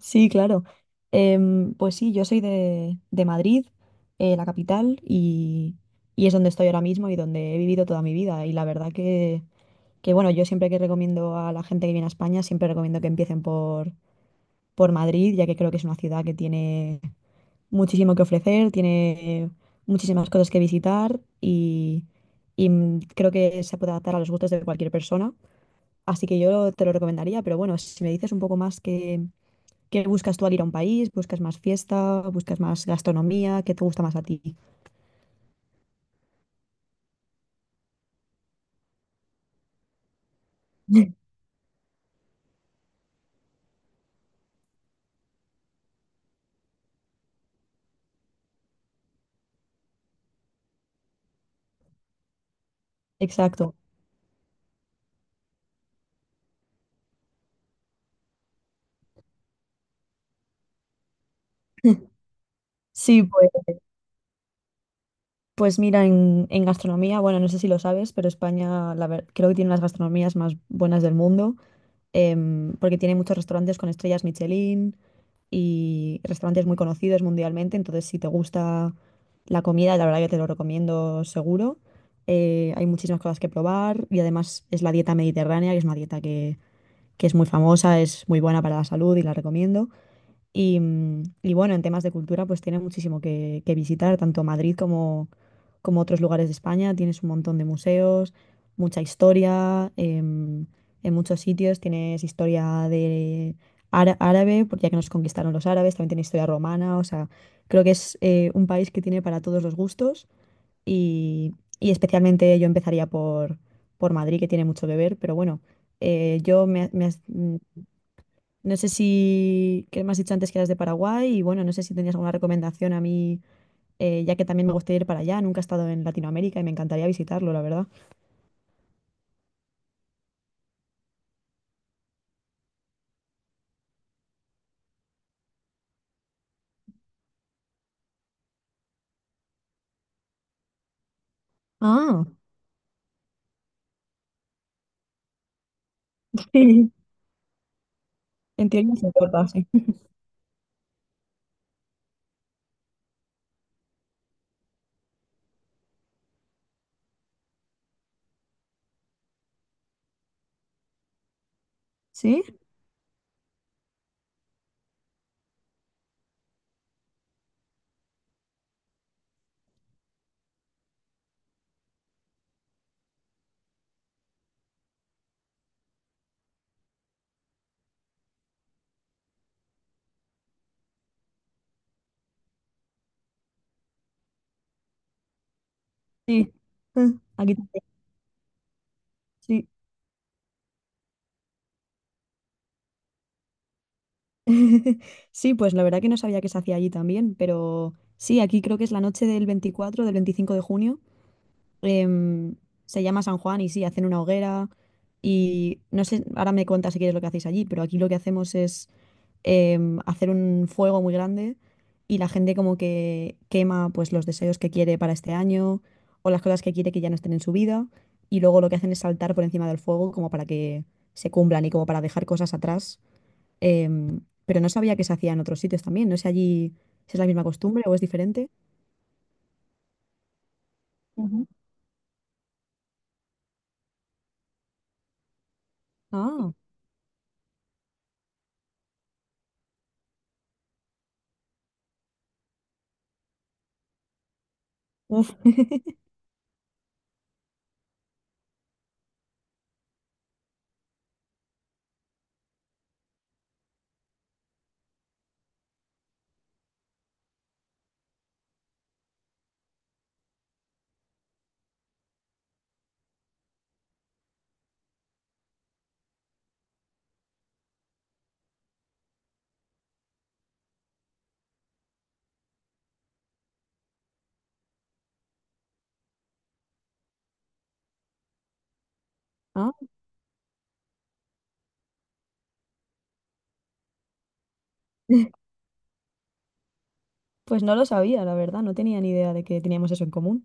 Sí, claro. Pues sí, yo soy de Madrid, la capital, y es donde estoy ahora mismo y donde he vivido toda mi vida. Y la verdad bueno, yo siempre que recomiendo a la gente que viene a España, siempre recomiendo que empiecen por Madrid, ya que creo que es una ciudad que tiene muchísimo que ofrecer, tiene muchísimas cosas que visitar y creo que se puede adaptar a los gustos de cualquier persona. Así que yo te lo recomendaría, pero bueno, si me dices un poco más que. ¿Qué buscas tú al ir a un país? ¿Buscas más fiesta? ¿Buscas más gastronomía? ¿Qué te gusta más a ti? Exacto. Sí, pues, pues mira, en gastronomía, bueno, no sé si lo sabes, pero España creo que tiene las gastronomías más buenas del mundo, porque tiene muchos restaurantes con estrellas Michelin y restaurantes muy conocidos mundialmente. Entonces si te gusta la comida, la verdad que te lo recomiendo seguro. Hay muchísimas cosas que probar y además es la dieta mediterránea, que es una dieta que es muy famosa, es muy buena para la salud y la recomiendo. Y bueno, en temas de cultura, pues tiene muchísimo que visitar, tanto Madrid como, como otros lugares de España. Tienes un montón de museos, mucha historia, en muchos sitios tienes historia de árabe, porque ya que nos conquistaron los árabes, también tiene historia romana. O sea, creo que es un país que tiene para todos los gustos y, y especialmente yo empezaría por Madrid, que tiene mucho que ver. Pero bueno, yo me, me has- no sé si, que me has dicho antes que eras de Paraguay y bueno, no sé si tenías alguna recomendación a mí, ya que también me gustaría ir para allá. Nunca he estado en Latinoamérica y me encantaría visitarlo, la verdad. Ah, sí. En teoría se corta, sí. ¿Sí? Sí. Ah, aquí también. Sí. Sí, pues la verdad que no sabía que se hacía allí también, pero sí, aquí creo que es la noche del 24 del 25 de junio. em, Se llama San Juan y sí, hacen una hoguera y no sé, ahora me cuentas si quieres lo que hacéis allí, pero aquí lo que hacemos es hacer un fuego muy grande y la gente como que quema pues los deseos que quiere para este año o las cosas que quiere que ya no estén en su vida, y luego lo que hacen es saltar por encima del fuego como para que se cumplan y como para dejar cosas atrás. Pero no sabía que se hacía en otros sitios también, no sé allí si es la misma costumbre o es diferente. Ujú. Ah, uf, ah. Pues no lo sabía, la verdad, no tenía ni idea de que teníamos eso en común.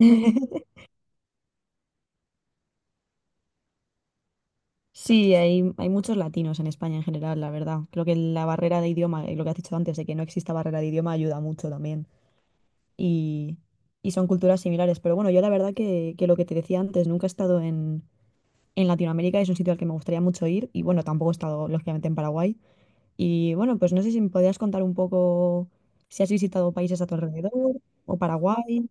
Sí, hay muchos latinos en España en general, la verdad. Creo que la barrera de idioma, y lo que has dicho antes, de que no exista barrera de idioma, ayuda mucho también. Y, y son culturas similares. Pero bueno, yo la verdad que lo que te decía antes, nunca he estado en Latinoamérica, es un sitio al que me gustaría mucho ir. Y bueno, tampoco he estado, lógicamente, en Paraguay. Y bueno, pues no sé si me podrías contar un poco si has visitado países a tu alrededor o Paraguay.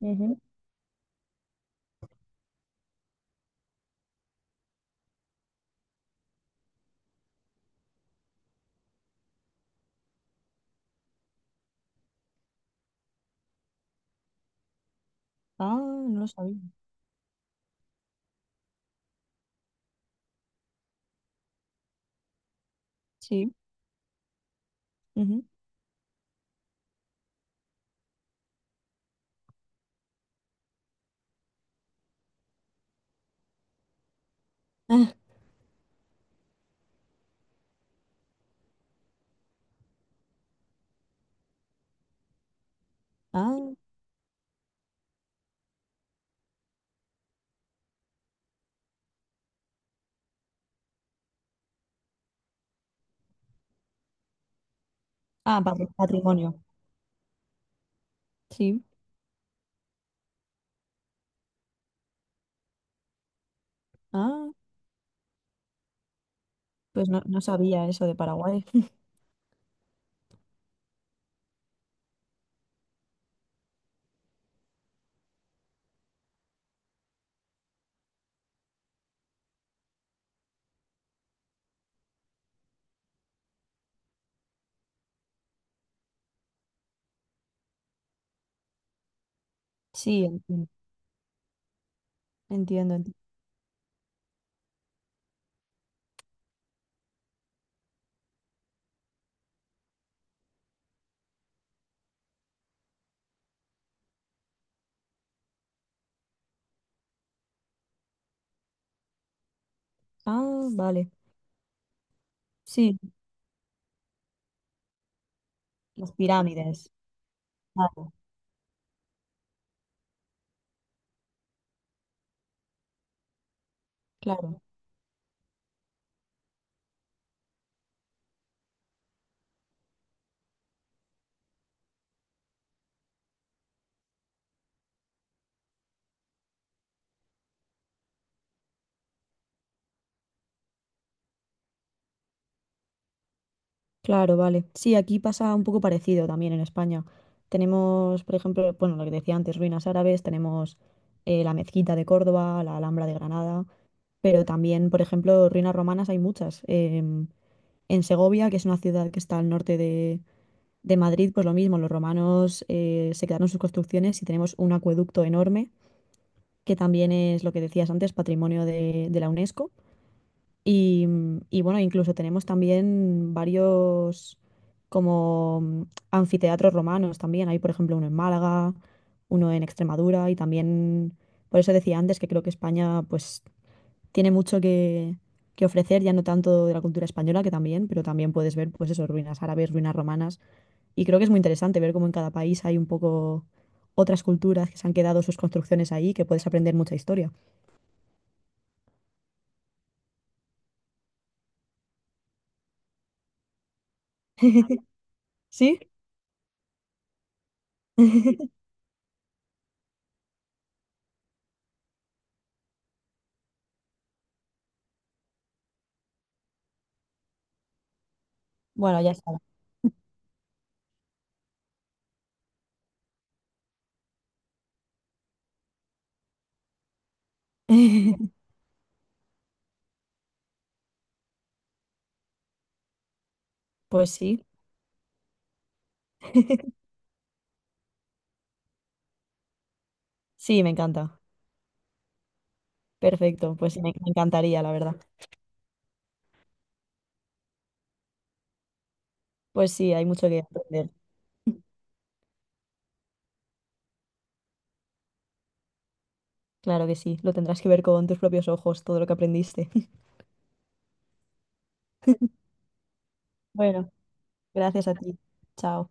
Ujú. Ah, no lo sabía. Sí. Ujú. Ah, ah, ah, patrimonio. Sí, ah, pues no, no sabía eso de Paraguay. Sí, entiendo. Entiendo, entiendo. Ah, vale. Sí, las pirámides. Claro, claro, claro, vale. Sí, aquí pasa un poco parecido también en España. Tenemos, por ejemplo, bueno, lo que decía antes, ruinas árabes. Tenemos la Mezquita de Córdoba, la Alhambra de Granada, pero también, por ejemplo, ruinas romanas hay muchas. En Segovia, que es una ciudad que está al norte de Madrid, pues lo mismo, los romanos se quedaron sus construcciones y tenemos un acueducto enorme, que también es lo que decías antes, patrimonio de la UNESCO. Y bueno, incluso tenemos también varios como mm, anfiteatros romanos también. Hay, por ejemplo, uno en Málaga, uno en Extremadura y también, por eso decía antes que creo que España pues tiene mucho que ofrecer, ya no tanto de la cultura española, que también, pero también puedes ver pues eso, ruinas árabes, ruinas romanas, y creo que es muy interesante ver cómo en cada país hay un poco otras culturas que se han quedado sus construcciones ahí, que puedes aprender mucha historia. ¿Sí? Bueno, ya está. Pues sí, sí, me encanta. Perfecto, pues sí, me encantaría, la verdad. Pues sí, hay mucho que aprender. Claro que sí, lo tendrás que ver con tus propios ojos, todo lo que aprendiste. Bueno, gracias a ti. Chao.